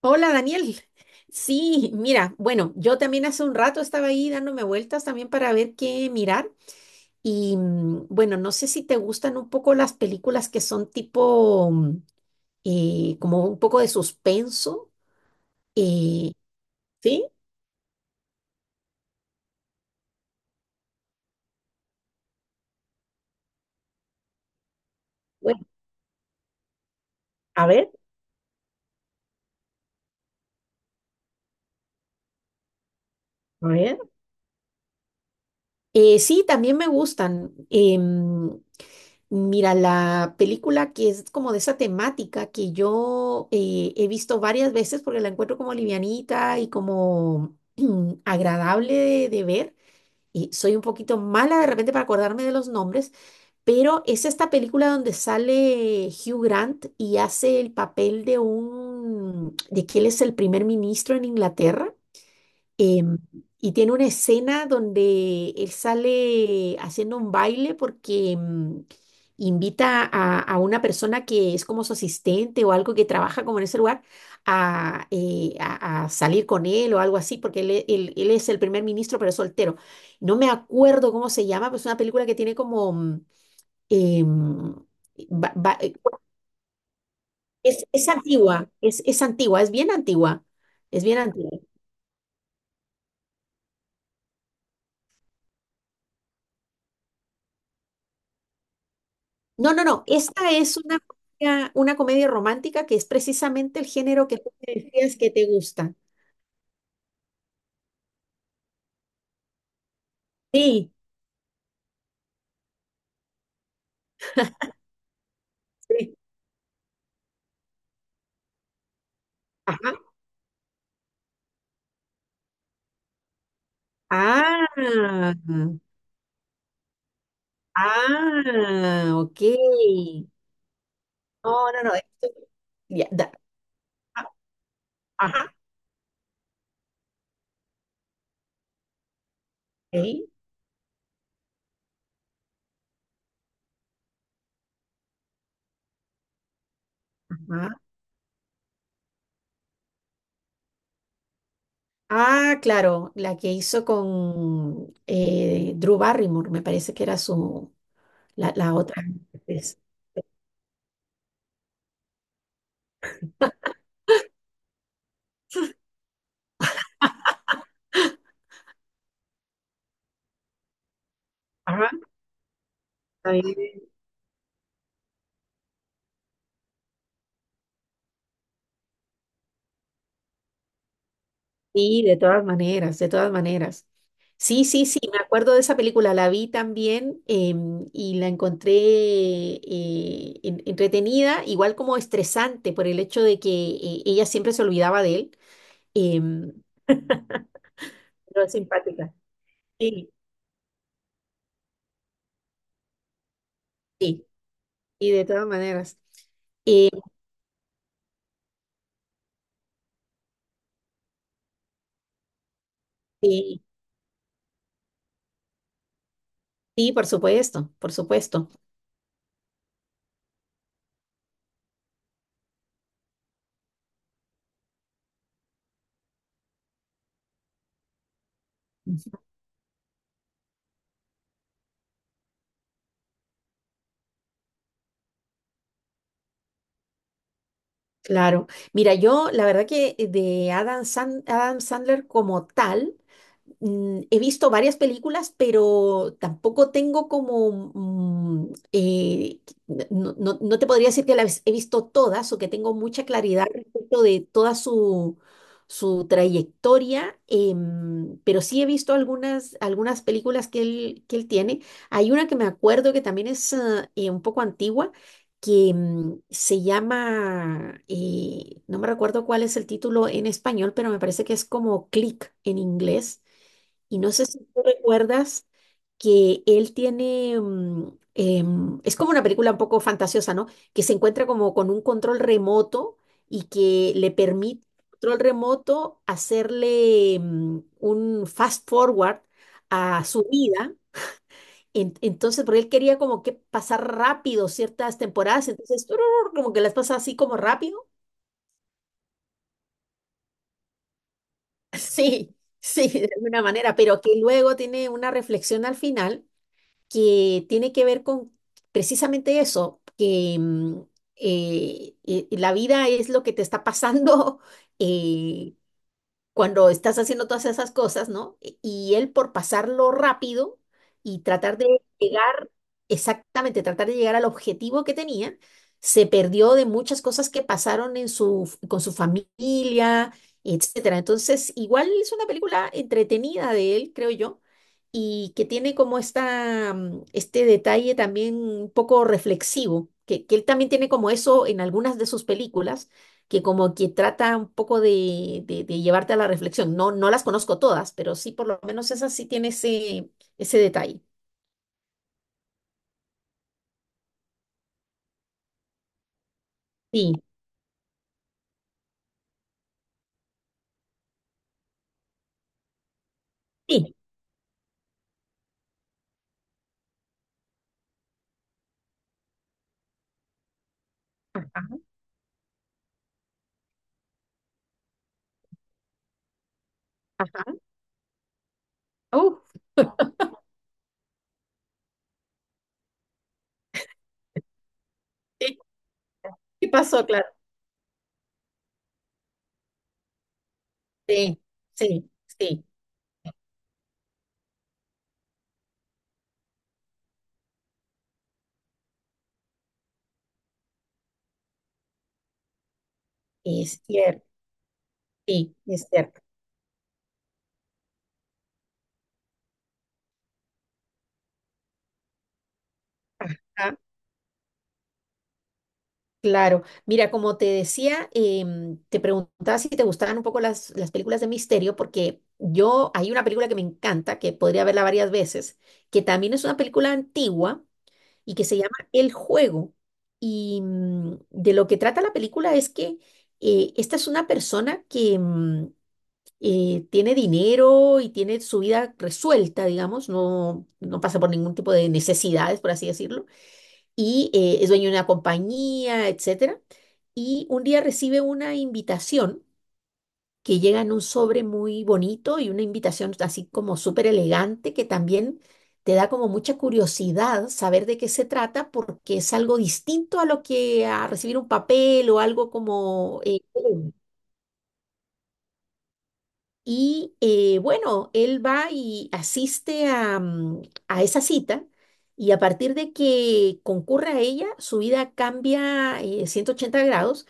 Hola Daniel. Sí, mira, bueno, yo también hace un rato estaba ahí dándome vueltas también para ver qué mirar y bueno, no sé si te gustan un poco las películas que son tipo como un poco de suspenso. eh, sí, bueno, a ver, a ver. Sí, también me gustan. Mira, la película que es como de esa temática que yo he visto varias veces porque la encuentro como livianita y como agradable de ver. Y soy un poquito mala de repente para acordarme de los nombres, pero es esta película donde sale Hugh Grant y hace el papel de un, de que él es el primer ministro en Inglaterra. Em, y tiene una escena donde él sale haciendo un baile porque invita a una persona que es como su asistente o algo que trabaja como en ese lugar a, a salir con él o algo así, porque él, él es el primer ministro pero es soltero. No me acuerdo cómo se llama, pero es una película que tiene como... mm, em, va- va- es, es antigua, es bien antigua. No, no, no. Esta es una, una comedia romántica que es precisamente el género que tú me decías que te gusta. Sí, sí. Ajá. Ah, ah, ok. No, no, no. Ya, da- ah, ajá, ok, ajá. Ah, claro, la que hizo con Drew Barrymore, me parece que era su, la otra actriz. Ajá, está bien. Sí, de todas maneras. Sí, sí, sí, me acuerdo de esa película, la vi también y la encontré entretenida, igual como estresante por el hecho de que ella siempre se olvidaba de él, em, pero es simpática. Sí, sí, y de todas maneras. Sí, sí, por supuesto, por supuesto. Ujú. Claro. Mira, yo la verdad que Adam Sandler como tal, he visto varias películas, pero tampoco tengo como, no te podría decir que las he visto todas o que tengo mucha claridad respecto de toda su, su trayectoria. Pero sí he visto algunas, algunas películas que él tiene. Hay una que me acuerdo que también es un poco antigua, que se llama, no me recuerdo cuál es el título en español, pero me parece que es como Click en inglés. Y no sé si tú recuerdas que él tiene, es como una película un poco fantasiosa, ¿no? Que se encuentra como con un control remoto y que le permite al control remoto hacerle un fast forward a su vida. Entonces, porque él quería como que pasar rápido ciertas temporadas, entonces tururur, como que las pasa así como rápido. Sí, sí, de alguna manera, pero que luego tiene una reflexión al final que tiene que ver con precisamente eso, que la vida es lo que te está pasando eh, cuando estás haciendo todas esas cosas, ¿no? Y él por pasarlo rápido y llegar tratar de llegar al objetivo que tenía, se perdió de muchas cosas que pasaron en su, con su familia, etcétera. Entonces, igual es una película entretenida de él, creo yo, y que tiene como esta, este detalle también un poco reflexivo, que él también tiene como eso en algunas de sus películas, que como que trata un poco de llevarte a la reflexión. No, no las conozco todas, pero sí por lo menos esa sí tiene ese, ese detalle. Sí, sí. Ajá. Ajá. Uf, ¿qué, qué pasó, claro? Sí, sí, sí, sí, es cierto, sí, es cierto. Ajá, claro. Mira, como te decía, te preguntaba si te gustaban un poco las películas de misterio, porque yo, hay una película que me encanta, que podría verla varias veces, que también es una película antigua y que se llama El Juego. Y de lo que trata la película es que esta es una persona que... mm, tiene dinero y tiene su vida resuelta, digamos, no, no pasa por ningún tipo de necesidades, por así decirlo, y es dueño de una compañía, etcétera. Y un día recibe una invitación que llega en un sobre muy bonito y una invitación así como súper elegante que también te da como mucha curiosidad saber de qué se trata porque es algo distinto a lo que a recibir un papel o algo como... Y bueno, él va y asiste a, a esa cita y a partir de que concurre a ella, su vida cambia 180 grados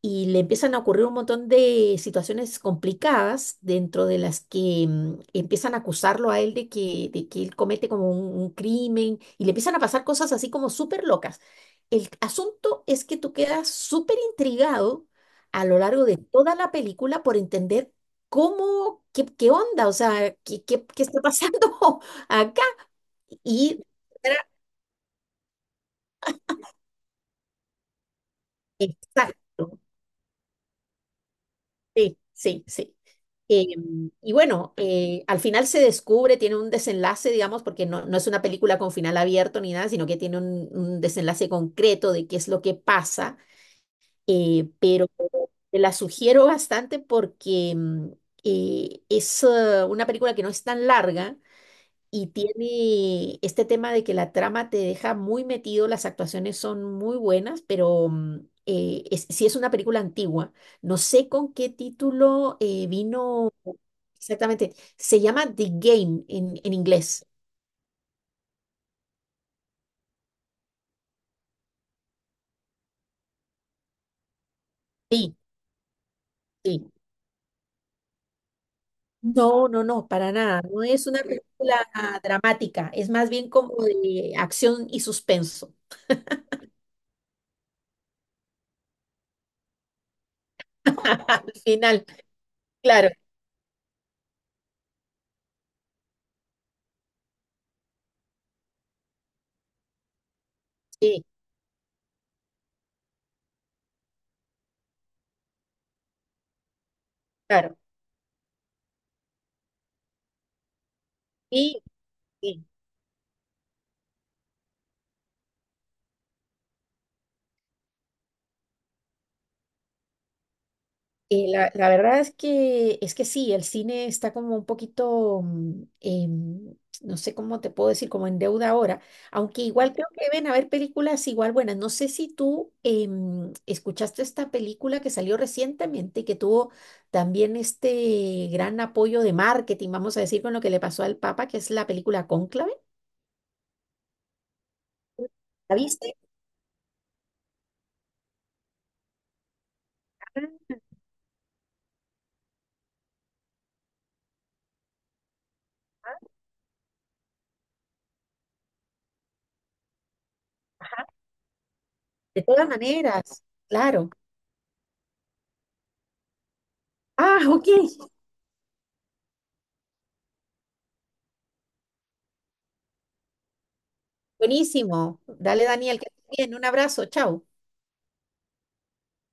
y le empiezan a ocurrir un montón de situaciones complicadas dentro de las que empiezan a acusarlo a él de que él comete como un crimen y le empiezan a pasar cosas así como súper locas. El asunto es que tú quedas súper intrigado a lo largo de toda la película por entender cómo, qué, qué onda, o sea, qué, qué, qué está pasando acá. Y era- exacto, sí, sí, sí. Eh, y bueno, al final se descubre, tiene un desenlace, digamos, porque no, no es una película con final abierto ni nada, sino que tiene un desenlace concreto de qué es lo que pasa, pero te la sugiero bastante porque es una película que no es tan larga y tiene este tema de que la trama te deja muy metido, las actuaciones son muy buenas, pero es, sí es una película antigua. No sé con qué título vino exactamente. Se llama The Game en inglés. Sí, sí. No, no, no, para nada. No es una película dramática, es más bien como de acción y suspenso. Al final, claro, sí, claro. Sí, sí. Y la verdad es que sí, el cine está como un poquito, no sé cómo te puedo decir, como en deuda ahora, aunque igual creo que deben haber películas igual buenas. No sé si tú escuchaste esta película que salió recientemente y que tuvo también este gran apoyo de marketing, vamos a decir, con lo que le pasó al Papa, que es la película Cónclave. ¿La viste? Ah. Ajá. De todas maneras, claro. Ah, ok. Buenísimo. Dale, Daniel, que estés bien. Un abrazo. Chao.